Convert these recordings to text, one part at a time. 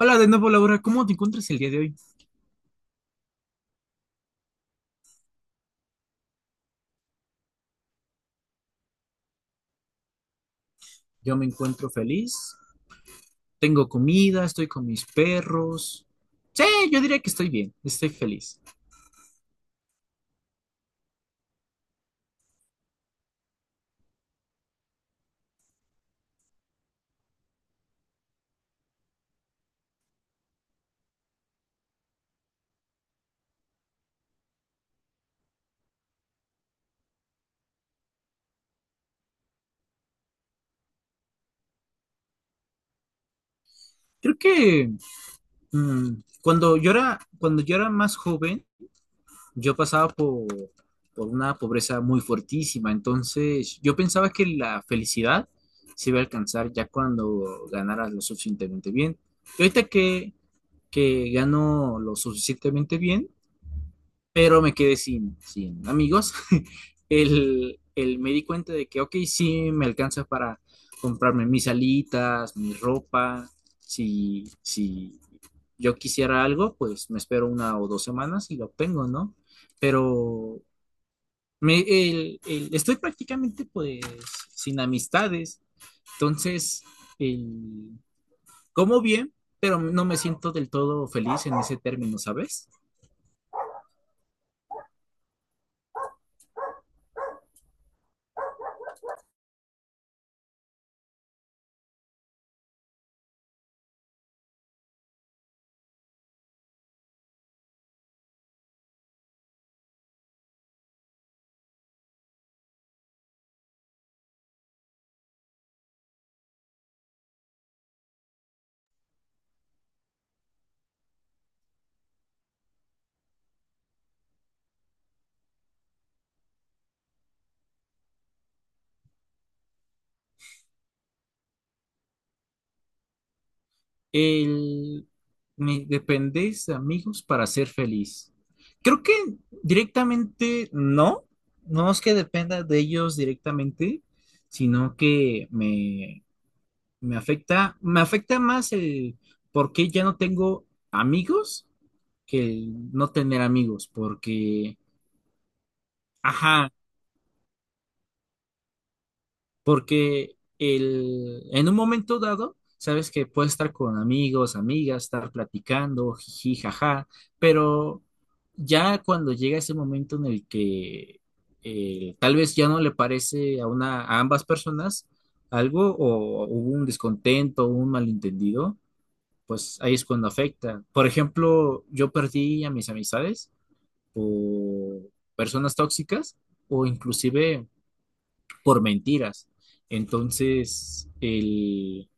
Hola de nuevo, Laura. ¿Cómo te encuentras el día de hoy? Yo me encuentro feliz, tengo comida, estoy con mis perros. Sí, yo diría que estoy bien, estoy feliz. Creo que mm, cuando yo era más joven, yo pasaba por una pobreza muy fuertísima. Entonces, yo pensaba que la felicidad se iba a alcanzar ya cuando ganaras lo suficientemente bien. Y ahorita que gano lo suficientemente bien, pero me quedé sin amigos. Me di cuenta de que, ok, sí, me alcanza para comprarme mis alitas, mi ropa. Si, si yo quisiera algo, pues me espero 1 o 2 semanas y lo obtengo, ¿no? Pero estoy prácticamente pues sin amistades. Entonces, el, como bien, pero no me siento del todo feliz en ese término, ¿sabes? El, Me dependéis de amigos para ser feliz. Creo que directamente no, no es que dependa de ellos directamente, sino que me afecta más el por qué ya no tengo amigos que el no tener amigos, porque, ajá. Porque en un momento dado, sabes que puedes estar con amigos, amigas, estar platicando, jiji, jaja, pero ya cuando llega ese momento en el que tal vez ya no le parece a una, a ambas personas algo, o hubo un descontento, un malentendido, pues ahí es cuando afecta. Por ejemplo, yo perdí a mis amistades por personas tóxicas o inclusive por mentiras. Entonces,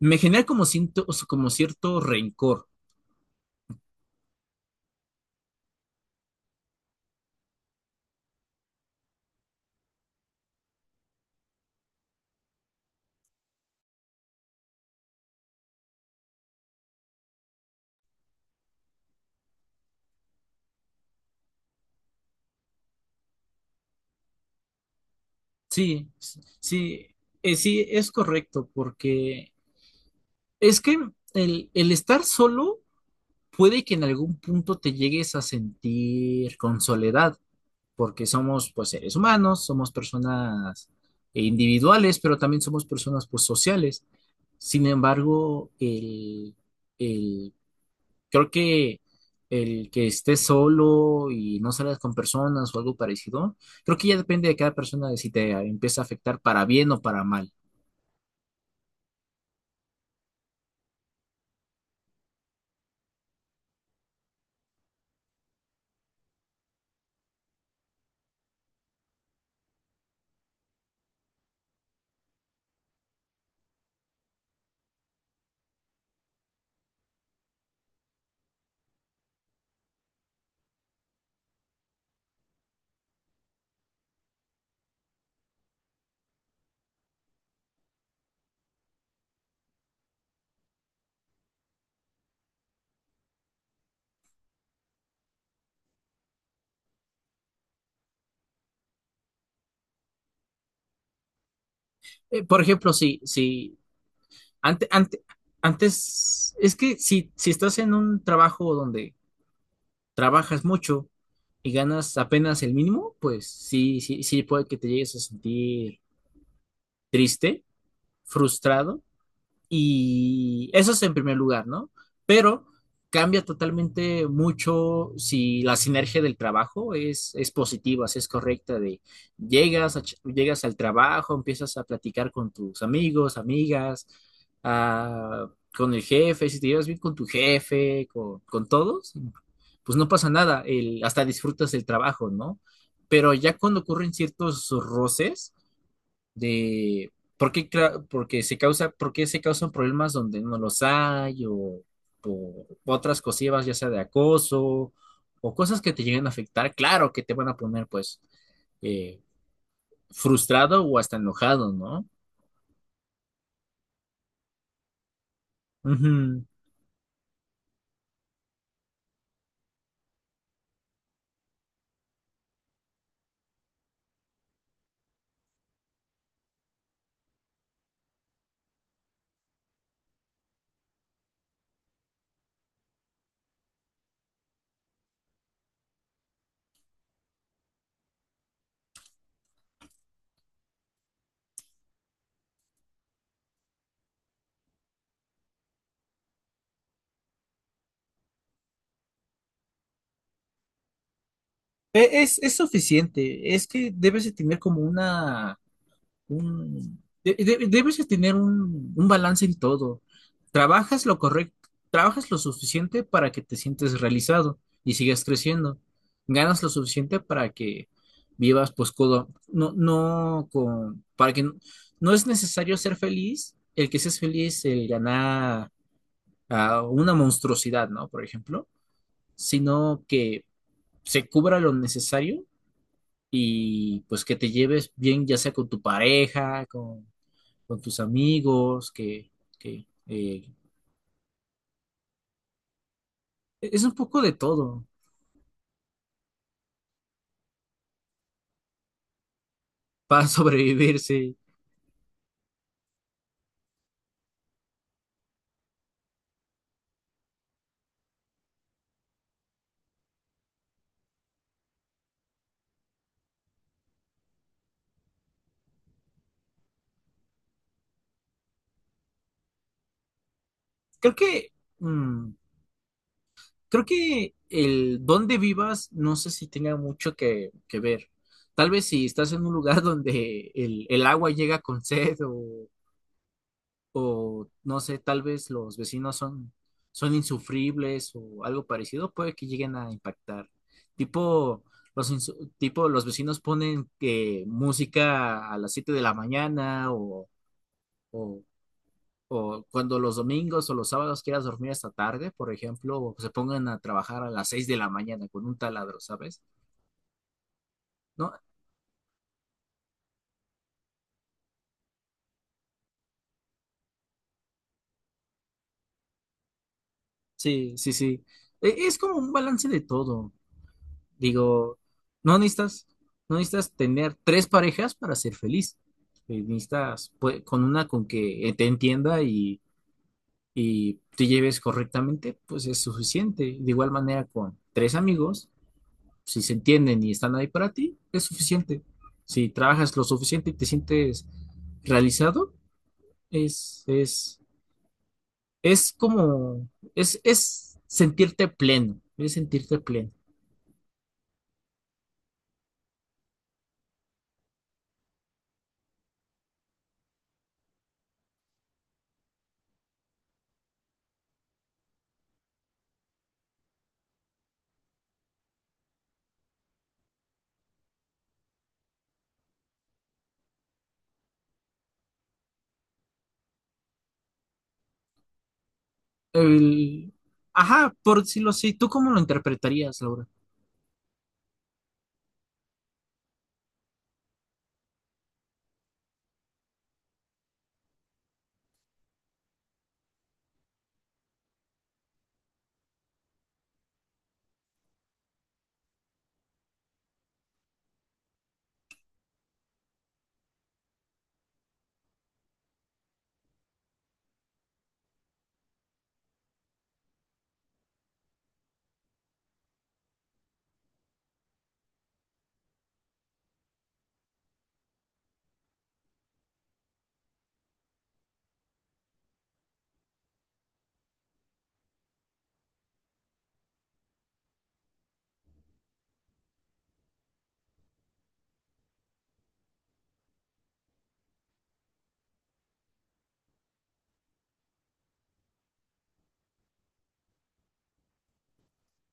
me genera como, como cierto rencor. Sí, sí, sí, es correcto, porque es que el estar solo puede que en algún punto te llegues a sentir con soledad, porque somos pues seres humanos, somos personas individuales, pero también somos personas pues sociales. Sin embargo, el creo que el que estés solo y no salgas con personas o algo parecido, creo que ya depende de cada persona de si te empieza a afectar para bien o para mal. Por ejemplo, si ante, ante- antes, es que si, si estás en un trabajo donde trabajas mucho y ganas apenas el mínimo, pues sí, sí, sí puede que te llegues a sentir triste, frustrado. Y eso es en primer lugar, ¿no? Pero cambia totalmente mucho si la sinergia del trabajo es positiva, si es correcta, de llegas, llegas al trabajo, empiezas a platicar con tus amigos, amigas, ah, con el jefe, si te llevas bien con tu jefe, con todos, pues no pasa nada, hasta disfrutas el trabajo, ¿no? Pero ya cuando ocurren ciertos roces, de por qué, porque se causa, por qué se causan problemas donde no los hay, o por otras cosillas, ya sea de acoso o cosas que te lleguen a afectar, claro que te van a poner pues eh, frustrado o hasta enojado, ¿no? Ujú. Es suficiente, es que debes de tener como una un- de- debes de tener un balance en todo. Trabajas lo correcto, trabajas lo suficiente para que te sientes realizado y sigas creciendo. Ganas lo suficiente para que vivas pues no, no con, para que no, no es necesario ser feliz, el que seas feliz, el ganar a una monstruosidad, ¿no? Por ejemplo, sino que se cubra lo necesario y pues que te lleves bien, ya sea con tu pareja, con tus amigos, que es un poco de todo para sobrevivirse. Creo que, mm, creo que el dónde vivas no sé si tenga mucho que ver. Tal vez si estás en un lugar donde el agua llega con sed, o no sé, tal vez los vecinos son insufribles o algo parecido, puede que lleguen a impactar. Tipo, tipo, los vecinos ponen que música a las 7 de la mañana, o, o cuando los domingos o los sábados quieras dormir hasta tarde, por ejemplo, o se pongan a trabajar a las 6 de la mañana con un taladro, ¿sabes? ¿No? Sí, sí, sí. Es como un balance de todo. Digo, no necesitas, no necesitas tener tres parejas para ser feliz. Necesitas pues, con una con que te entienda y te lleves correctamente, pues es suficiente. De igual manera con tres amigos, si se entienden y están ahí para ti, es suficiente. Si trabajas lo suficiente y te sientes realizado, es, es, es como, es sentirte pleno, es sentirte pleno. El... Ajá, por si lo sé. ¿Tú cómo lo interpretarías, Laura?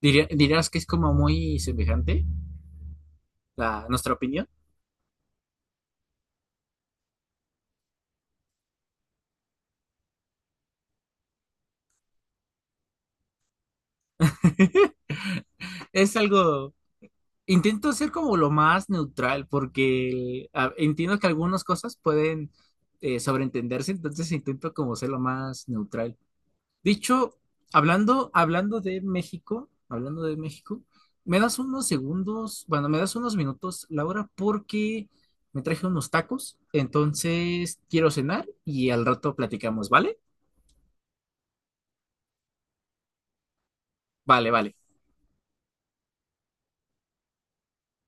¿Dirías que es como muy semejante a nuestra opinión? Es algo... Intento ser como lo más neutral porque entiendo que algunas cosas pueden sobreentenderse, entonces intento como ser lo más neutral. Dicho, hablando de México, me das unos segundos, bueno, me das unos minutos, Laura, porque me traje unos tacos, entonces quiero cenar y al rato platicamos, ¿vale? Vale, vale.